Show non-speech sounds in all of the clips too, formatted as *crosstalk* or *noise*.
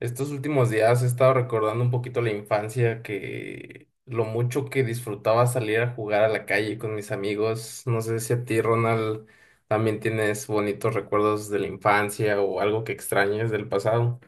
Estos últimos días he estado recordando un poquito la infancia, que lo mucho que disfrutaba salir a jugar a la calle con mis amigos. No sé si a ti, Ronald, también tienes bonitos recuerdos de la infancia o algo que extrañes del pasado.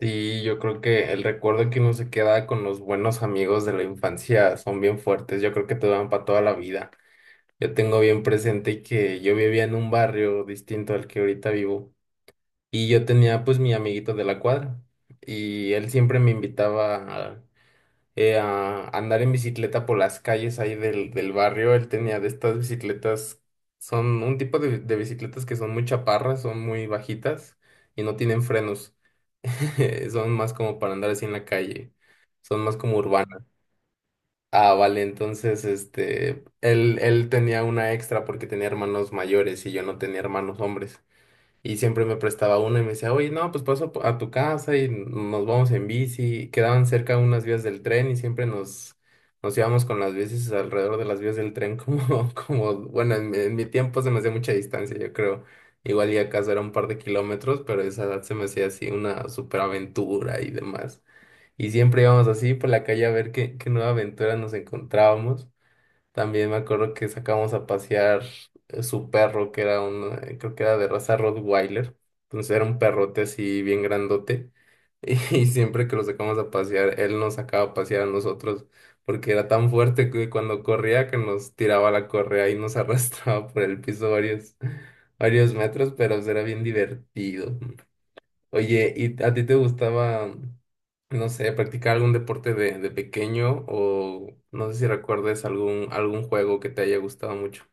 Sí, yo creo que el recuerdo que uno se queda con los buenos amigos de la infancia son bien fuertes. Yo creo que te van para toda la vida. Yo tengo bien presente que yo vivía en un barrio distinto al que ahorita vivo. Y yo tenía pues mi amiguito de la cuadra y él siempre me invitaba a andar en bicicleta por las calles ahí del barrio. Él tenía de estas bicicletas, son un tipo de bicicletas que son muy chaparras, son muy bajitas y no tienen frenos. *laughs* Son más como para andar así en la calle, son más como urbanas. Ah, vale, entonces este, él tenía una extra porque tenía hermanos mayores y yo no tenía hermanos hombres. Y siempre me prestaba uno y me decía, oye, no, pues paso a tu casa y nos vamos en bici. Quedaban cerca unas vías del tren y siempre nos íbamos con las bicis alrededor de las vías del tren, *laughs* como, como, bueno, en mi tiempo se me hacía mucha distancia, yo creo. Igual y acaso era un par de kilómetros, pero a esa edad se me hacía así una superaventura y demás. Y siempre íbamos así por la calle a ver qué nueva aventura nos encontrábamos. También me acuerdo que sacamos a pasear su perro, que era creo que era de raza Rottweiler. Entonces era un perrote así bien grandote. *laughs* Y siempre que lo sacamos a pasear, él nos sacaba a pasear a nosotros, porque era tan fuerte que cuando corría que nos tiraba la correa y nos *laughs* arrastraba por el piso varios metros, pero pues, era bien divertido. Oye, ¿y a ti te gustaba, no sé, practicar algún deporte de pequeño o no sé si recuerdes algún juego que te haya gustado mucho?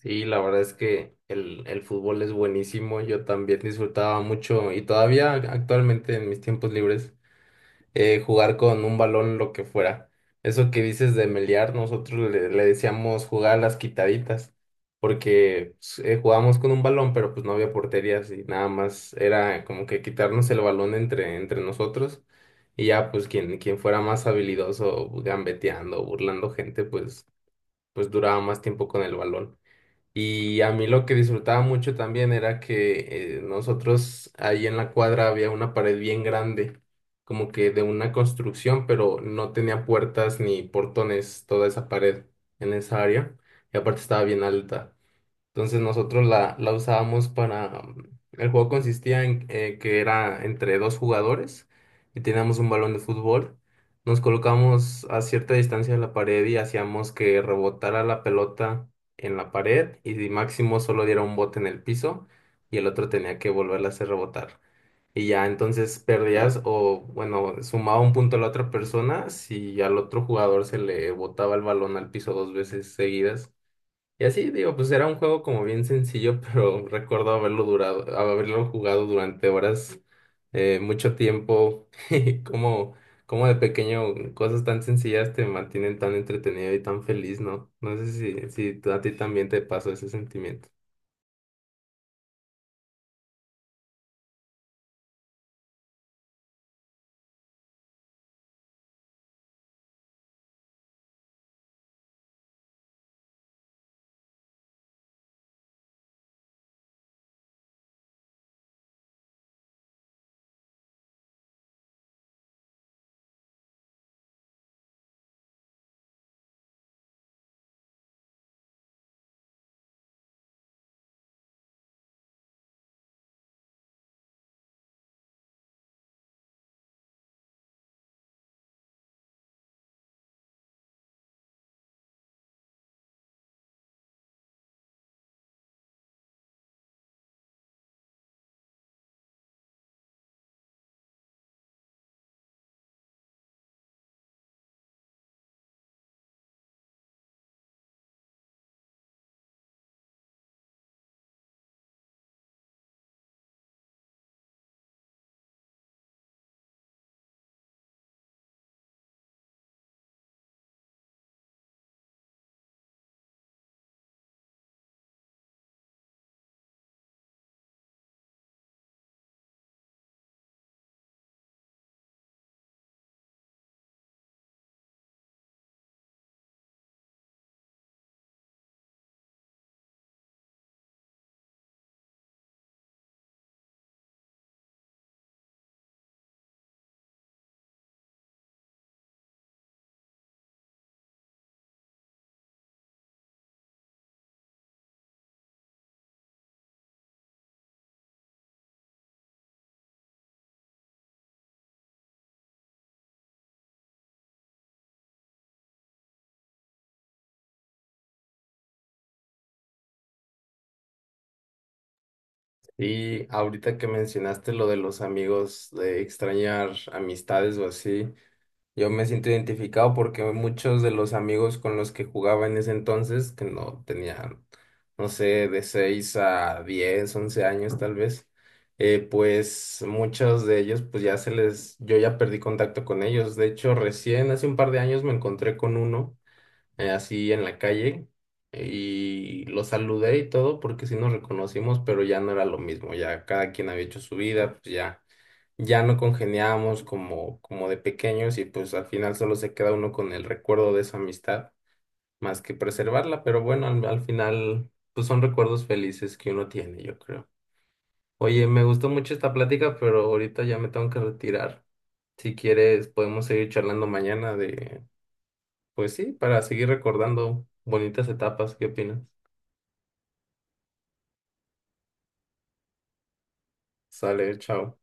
Sí, la verdad es que el fútbol es buenísimo. Yo también disfrutaba mucho y todavía actualmente en mis tiempos libres, jugar con un balón, lo que fuera. Eso que dices de melear, nosotros le decíamos jugar a las quitaditas, porque pues, jugábamos con un balón, pero pues no había porterías y nada más era como que quitarnos el balón entre nosotros y ya pues quien fuera más habilidoso gambeteando, burlando gente, pues, pues duraba más tiempo con el balón. Y a mí lo que disfrutaba mucho también era que nosotros ahí en la cuadra había una pared bien grande, como que de una construcción, pero no tenía puertas ni portones toda esa pared en esa área. Y aparte estaba bien alta. Entonces nosotros la usábamos El juego consistía en que era entre dos jugadores y teníamos un balón de fútbol. Nos colocamos a cierta distancia de la pared y hacíamos que rebotara la pelota en la pared y si máximo solo diera un bote en el piso y el otro tenía que volverla a hacer rebotar. Y ya entonces perdías o, bueno, sumaba un punto a la otra persona si al otro jugador se le botaba el balón al piso dos veces seguidas. Y así, digo, pues era un juego como bien sencillo, pero *laughs* recuerdo haberlo jugado durante horas, mucho tiempo, *laughs* y como de pequeño, cosas tan sencillas te mantienen tan entretenido y tan feliz, ¿no? No sé si a ti también te pasó ese sentimiento. Y ahorita que mencionaste lo de los amigos, de extrañar amistades o así. Yo me siento identificado porque muchos de los amigos con los que jugaba en ese entonces, que no tenían, no sé, de 6 a 10, 11 años tal vez, pues muchos de ellos, pues yo ya perdí contacto con ellos. De hecho, recién hace un par de años me encontré con uno, así en la calle, y lo saludé y todo porque sí nos reconocimos, pero ya no era lo mismo, ya cada quien había hecho su vida, pues ya no congeniábamos como de pequeños y pues al final solo se queda uno con el recuerdo de esa amistad más que preservarla, pero bueno, al final pues son recuerdos felices que uno tiene, yo creo. Oye, me gustó mucho esta plática, pero ahorita ya me tengo que retirar. Si quieres, podemos seguir charlando mañana pues sí, para seguir recordando bonitas etapas. ¿Qué opinas? Sale, chao.